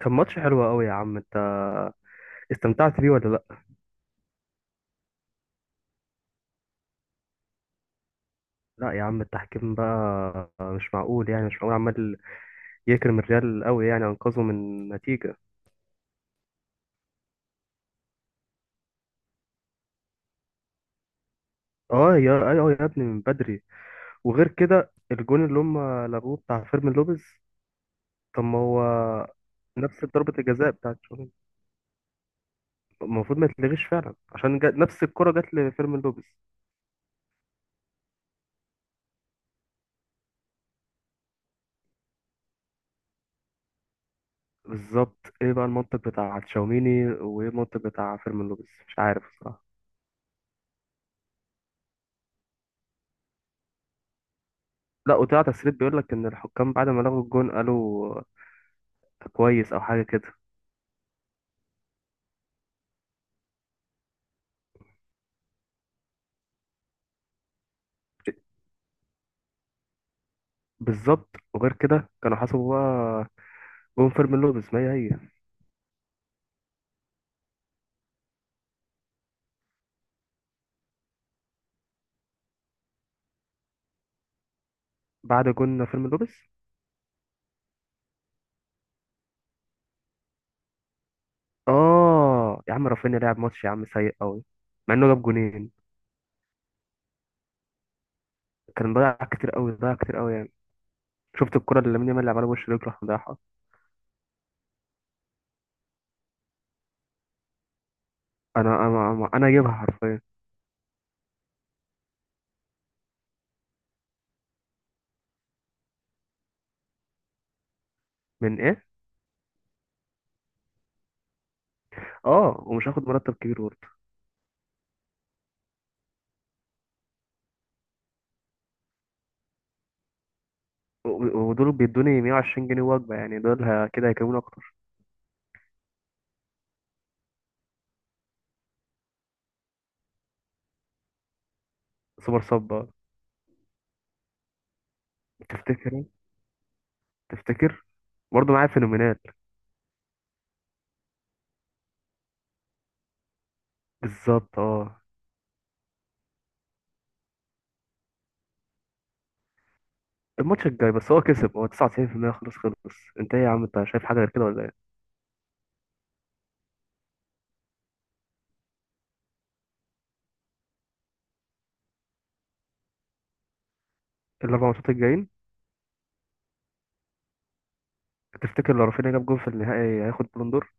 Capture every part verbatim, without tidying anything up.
كان ماتش حلو قوي يا عم. انت استمتعت بيه ولا لا؟ لا يا عم، التحكيم بقى مش معقول، يعني مش معقول. عمال يكرم الريال قوي، يعني انقذه من نتيجة. اه يا ايوه يا ابني، من بدري. وغير كده الجون اللي هم لغوه بتاع فيرمين لوبيز، طب ما هو نفس ضربة الجزاء بتاعت شوبير. المفروض ما يتلغيش فعلا عشان جا... نفس الكرة جت لفيرمين لوبيز. بالظبط، ايه بقى المنطق بتاع تشاوميني وايه المنطق بتاع فيرمين لوبيز؟ مش عارف بصراحة. لا، وطلع تسريب بيقول لك ان الحكام بعد ما لغوا الجون قالوا كويس او حاجه كده. بالظبط. وغير كده كانوا حسبوا بقى جون فيرمين لوبيز، ما هي هي. بعد جون فيرمين لوبيز. اه يا عم، رافينيا لعب ماتش يا عم سيء قوي، مع انه جاب جونين. كان ضيع كتير قوي، ضيع كتير قوي يعني. شفت الكرة اللي لامين يامال لعبها له، وش رجله راح مضيعها. انا انا انا أنا جايبها حرفيا. من ايه؟ اه، ومش هاخد مرتب كبير برضه. و- ودول بيدوني مية وعشرين جنيه وجبة، يعني دول ه- كده هيكلموني اكتر. سوبر صب. تفتكر؟ تفتكر؟ برضه معايا فينومينال. بالظبط اه. الماتش الجاي بس هو كسب، هو تسعة وتسعين في المية خلاص خلص. انت ايه يا عم؟ انت شايف حاجه غير كده ولا ايه؟ الاربع ماتشات الجايين؟ تفتكر لو رافينيا جاب جول في النهائي هياخد بالون دور؟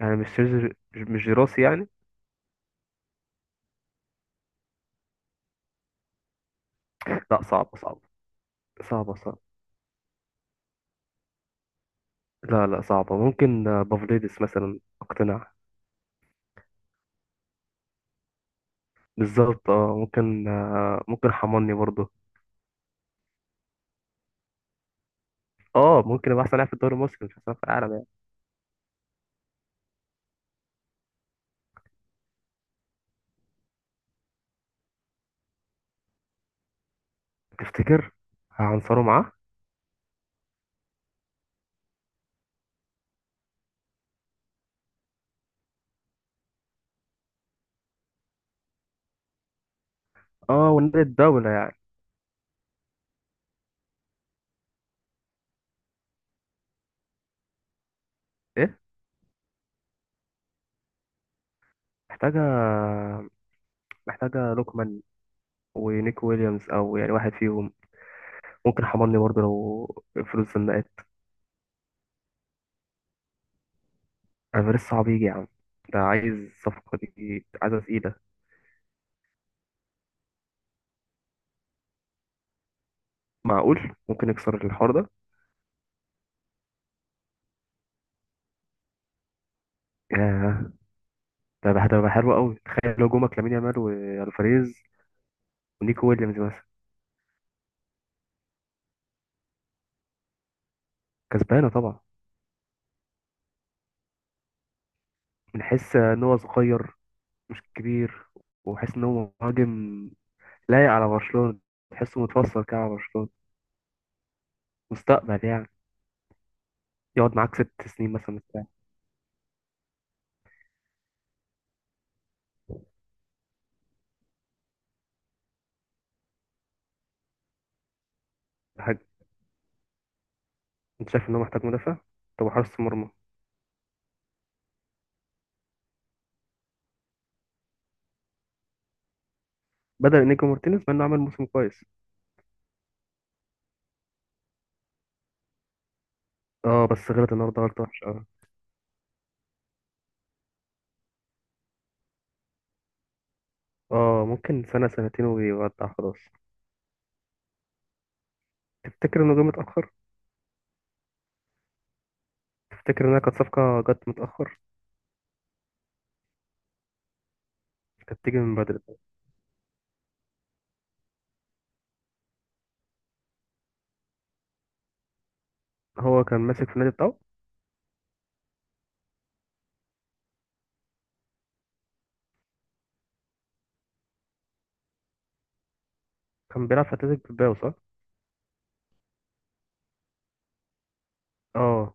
يعني مش جيرز- مش جيراسي يعني؟ لا صعبه صعبه، صعبه صعبه. لا لا صعبه، ممكن آه، بافليدس مثلا اقتنع. بالظبط اه، ممكن آه، ممكن حماني برضه. اه، ممكن يبقى احسن لاعب في الدوري المصري، مش احسن لاعب في العالم يعني. تفتكر؟ هعنصره معاه. اه، ونادي الدوله يعني. ايه؟ محتاجه. محتاجه لوكمان ونيك ويليامز، او يعني واحد فيهم. ممكن حضرني برضه لو فلوس زنقت. افريز صعب يجي يا عم، ده عايز صفقة، دي عايزة تقيلة. معقول، ممكن يكسر الحوار ده. ياه. ده بقى- ده بقى حلو قوي. تخيل لو جومك لامين يامال والفاريز ونيكو ويليامز مثلا. كسبانة طبعا. بنحس ان هو صغير، مش كبير. وحس ان هو مهاجم لايق على برشلونة. تحسه متفصل كده على برشلونة. مستقبل يعني، يقعد معاك ست سنين مثلا بتاع. حاجة؟ انت شايف ان هو محتاج مدافع؟ طب حارس مرمى؟ بدل نيكو مارتينيز، مع انه عمل موسم كويس. اه بس غلط النهارده، غلط وحش اه. اه، ممكن سنة سنتين ويودع خلاص. تفتكر انه جه متأخر؟ تفتكر انها كانت صفقة جت متأخر؟ كانت تيجي من بدري. هو كان ماسك في النادي بتاعه. كان بيلعب في اتلتيك بالباو صح؟ اه.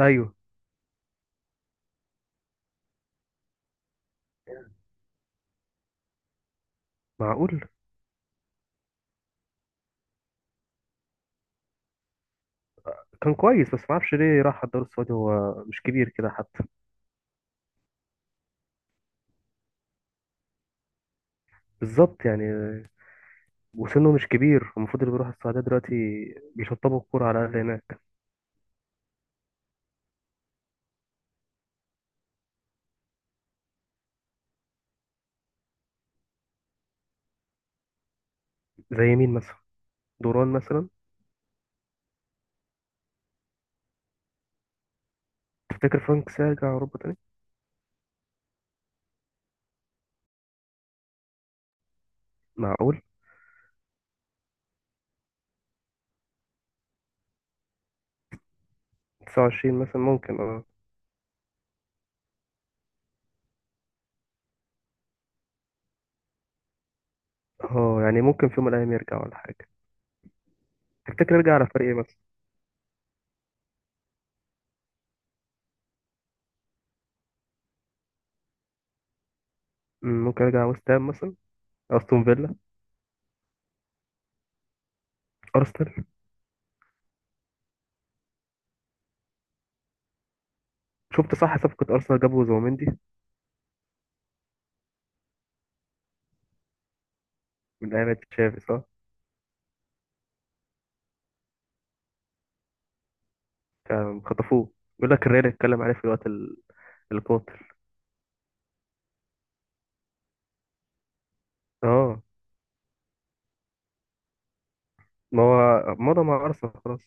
ايوه. معقول. كان كويس بس معرفش ليه راح الدوري السعودي، هو مش كبير كده حتى. بالظبط يعني، وسنه مش كبير. المفروض اللي بيروح السعودية دلوقتي بيشطبوا الكورة على الأقل هناك. زي مين مثلا؟ دوران مثلا؟ تفتكر فرانك سيرجع أوروبا تاني؟ معقول. تسعة وعشرين مثلا ممكن اه. اه، يعني ممكن في يوم من الايام يرجع ولا حاجه. تفتكر يرجع على فريق ايه مثلا؟ مم، ممكن يرجع ويست هام مثلا، استون فيلا. ارسنال. شفت صح؟ صفقه ارسنال جابوا زوميندي. من ايام تشافي صح. كان خطفوه. بيقول لك الريال اتكلم عليه في الوقت ال- القاتل. اه. ما هو مضى مع ارسنال خلاص.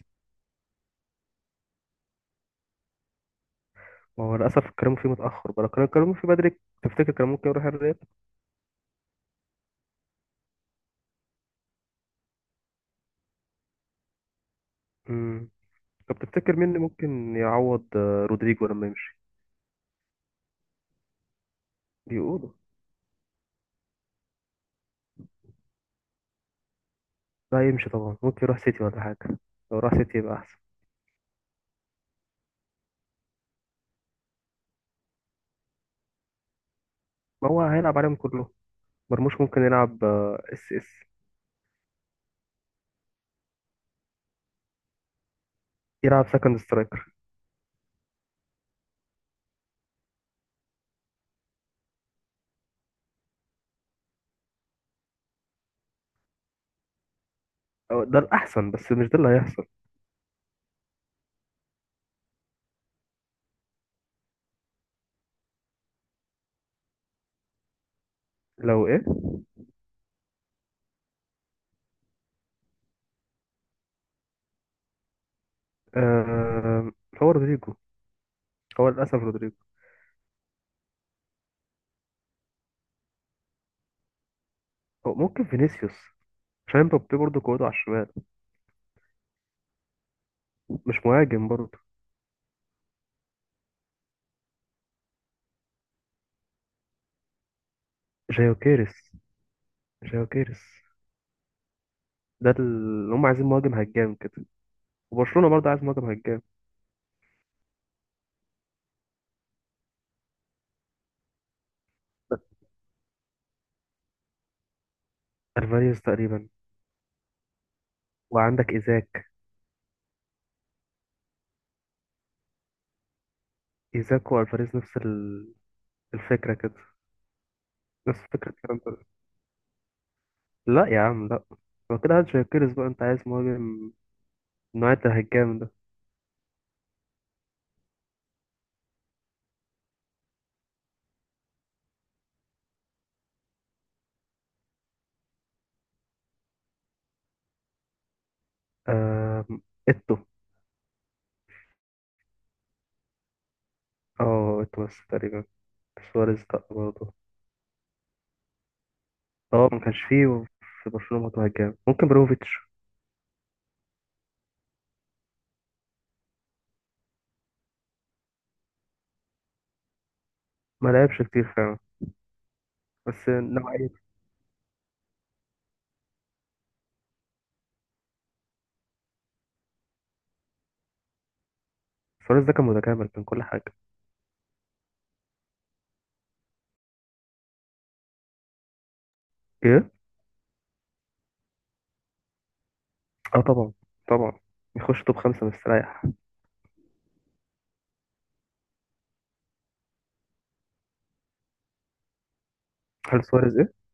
ما هو للاسف اتكلموا فيه متاخر بقى. لو كانوا اتكلموا فيه بدري تفتكر كان ممكن يروح الريال؟ امم طب تفتكر مين اللي ممكن يعوض آه، رودريجو لما يمشي؟ بيقولوا. لا، يمشي طبعا، ممكن يروح سيتي ولا حاجه. لو راح سيتي يبقى احسن. ما هو هيلعب عليهم كلهم. مرموش ممكن يلعب آه، اس اس. يلعب سكند سترايكر. ده الأحسن، بس مش ده اللي هيحصل. لو إيه؟ آه، هو رودريجو. هو للأسف رودريجو. هو ممكن فينيسيوس عشان مبابي برضه قوته على الشمال، مش مهاجم برضه. جايوكيريس. جايوكيريس. ده اللي هم عايزين، مهاجم هجام كده. وبرشلونة برضه عايز مهاجم هجام بس. الفاريز تقريبا. وعندك إيزاك. إيزاك والفاريز نفس ال- الفكرة كده. نفس فكرة الكلام ده. لا يا عم لا. هو كده هات جايوكيريس بقى، انت عايز مهاجم النوع ده، هجام ده. آم، إتو. اه، إتو بس تقريبا. سواريز لأ برضه. اه، ما كانش فيه في برشلونة برضه هجام. ممكن بروفيتش. ما لعبش كتير فعلا، بس نوعية. سواريز ده كان متكامل، كان كل حاجة. ايه؟ اه طبعا. طبعا. يخش توب خمسة مستريح. هل سواريز ايه؟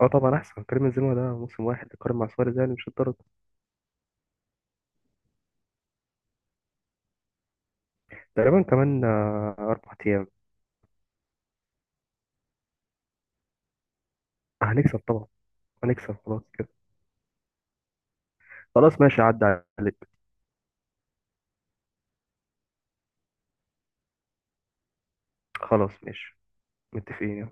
اه طبعا أحسن، كريم بنزيما ده موسم واحد يقارن مع سواريز؟ يعني مش الدرجة. تقريبا كمان آه، أربع أيام. هنكسب طبعا. هنكسب خلاص كده. خلاص ماشي، عدى عليك. خلاص ماشي. متفقين.